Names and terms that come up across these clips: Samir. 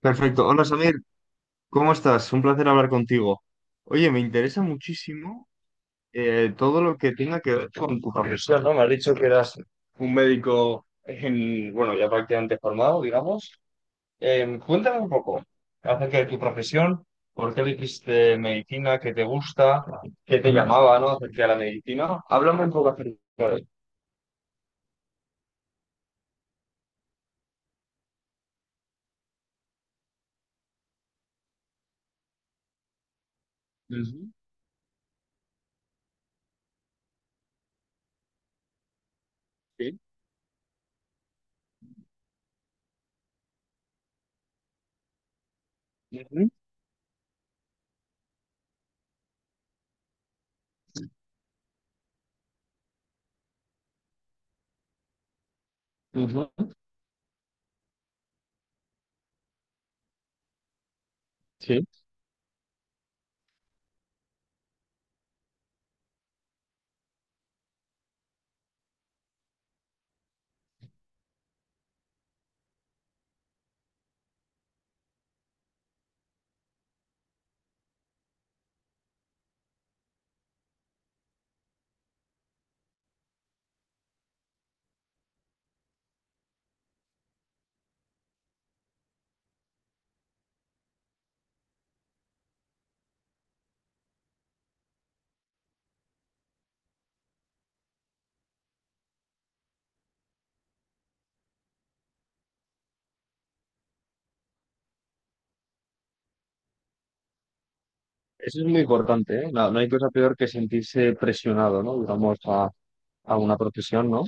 Perfecto. Hola Samir, ¿cómo estás? Un placer hablar contigo. Oye, me interesa muchísimo todo lo que tenga que ver con tu profesión, ¿no? Me has dicho que eras un médico, bueno, ya prácticamente formado, digamos. Cuéntame un poco acerca de tu profesión, por qué elegiste medicina, qué te gusta, qué te llamaba, ¿no? Acerca de la medicina. Háblame un poco acerca de. Ujú, sí. Ujú, ujú, sí. Eso es muy importante, ¿eh? No, no hay cosa peor que sentirse presionado, ¿no? Digamos, a una profesión, ¿no?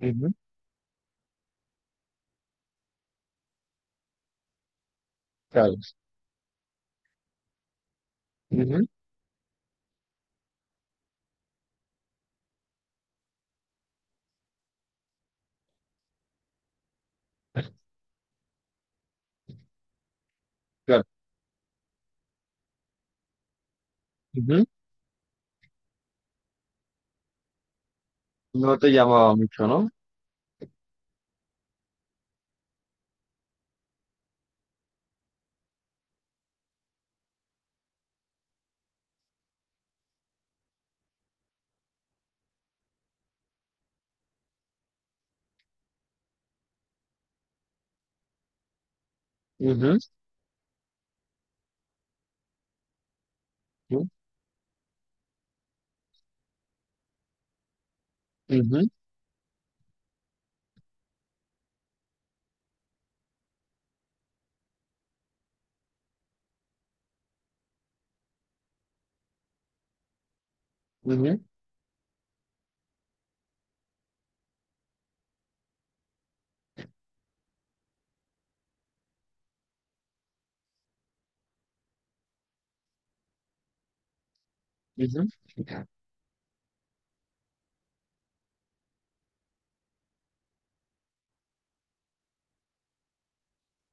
Ujú, claro, ujú, claro, ujú. No te llamaba mucho, ¿no? Ujú, ujú, ujú, ujú, ujú,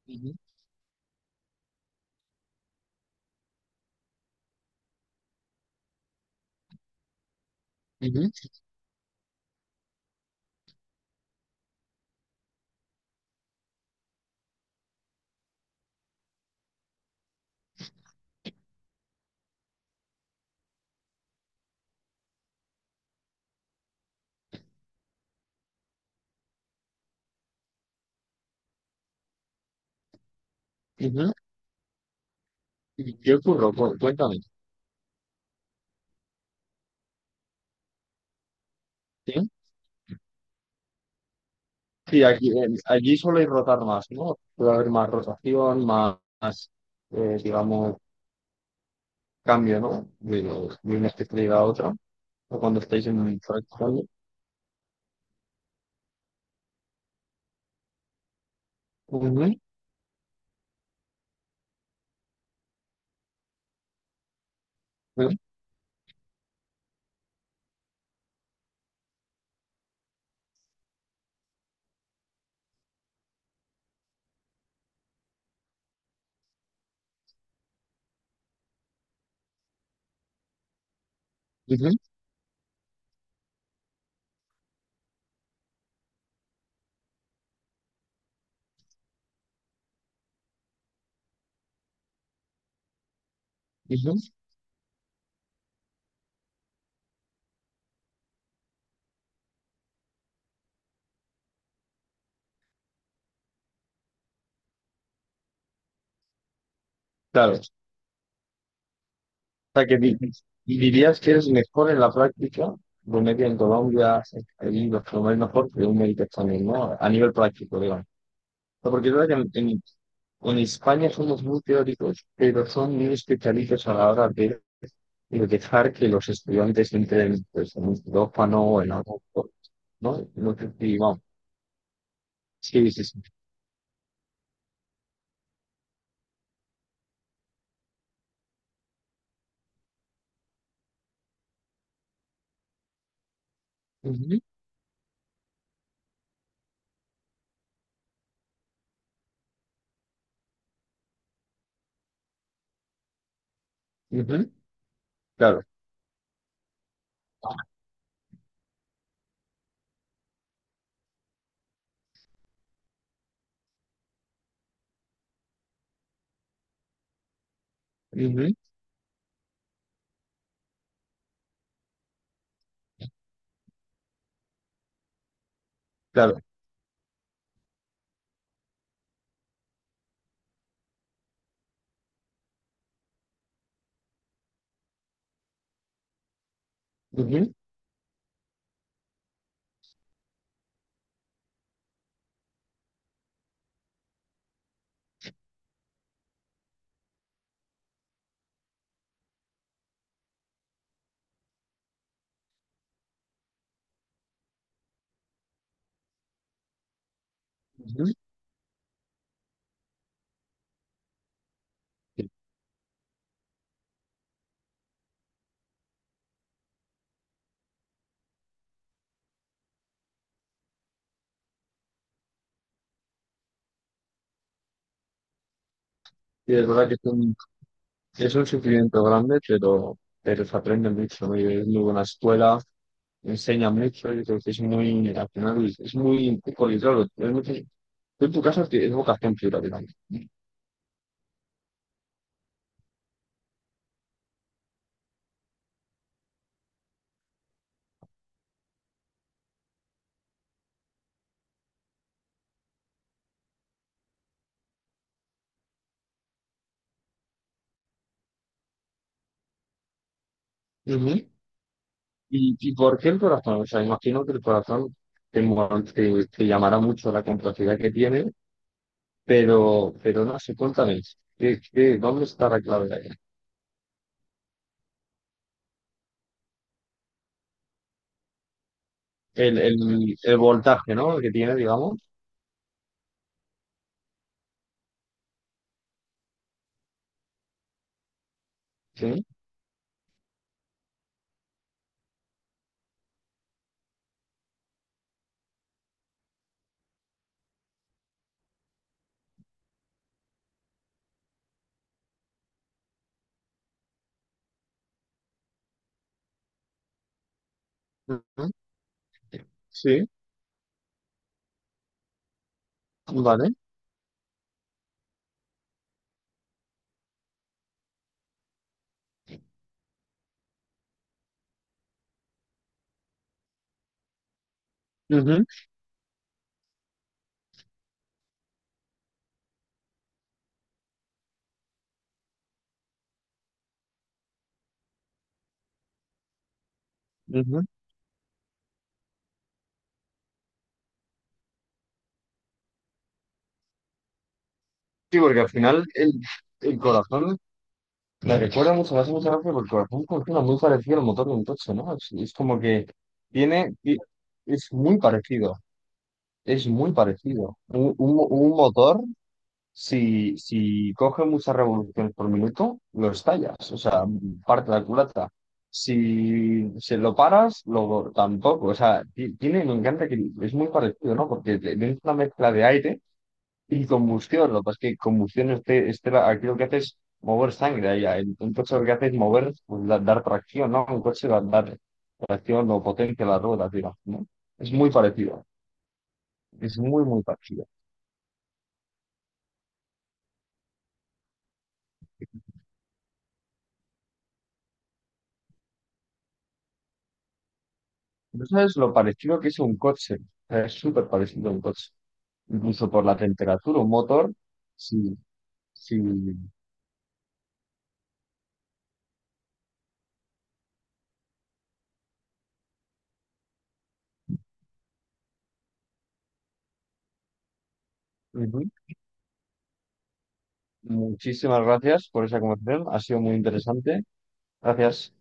ujú, ujú, ujú. ¿Y qué ocurrió? Cuéntame, ¿sí? Sí, aquí, allí suele rotar más, ¿no? Puede haber más rotación, más, más, digamos, cambio, ¿no? De, de una especialidad a otra, o cuando estáis en un practicando. Ujú, ujú, ujú, ujú. Claro, sea, dirías que eres mejor en la práctica, un médico en Colombia, ahí los promedios mejor que un médico también, ¿no? A nivel práctico, digamos. O sea, porque es verdad que en España somos muy teóricos, pero son muy especialistas a la hora de dejar que los estudiantes entren pues, en un quirófano o en algo, ¿no? No sé si, vamos. Sí, sí, sí. Ujú, ujú, claro, ujú, claro, ujú, ujú. Sí, es verdad que son. Sí, es un sufrimiento grande, pero se aprende mucho, ¿no? Y es muy buena escuela, enseña mucho, yo creo que es muy, al final, es muy poco claro, tú en tu casa es vocación pura, digamos. Ujú. Y por qué el corazón? O sea, imagino que el corazón te, te, te llamará mucho la complejidad que tiene, pero no sé, cuéntame, ¿qué, qué, dónde está la clave de ahí? El voltaje, ¿no? Que tiene, digamos. Sí. Ujú. Sí. Vale. Ujú. Ujú. Sí, porque al final el corazón me recuerda mucho, me hace mucha gracia porque el corazón funciona muy parecido al motor de un coche, ¿no? Es como que tiene, es muy parecido, es muy parecido. Un motor, si, si coge muchas revoluciones por minuto, lo estallas, o sea, parte la culata. Si se lo paras, lo tampoco. O sea, tiene, me encanta que es muy parecido, ¿no? Porque le es una mezcla de aire y combustión, lo que pasa es que combustión, este, aquí lo que hace es mover sangre. Allá el un coche lo que hace es mover, pues, dar tracción, ¿no? Un coche va a dar tracción o potencia a las ruedas, digamos, ¿no? Es muy parecido, es muy, muy parecido. No sabes lo parecido que es un coche, o sea, es súper parecido a un coche. Incluso por la temperatura, un motor, sí, sí. Ujú. Muchísimas gracias por esa conversación, ha sido muy interesante. Gracias.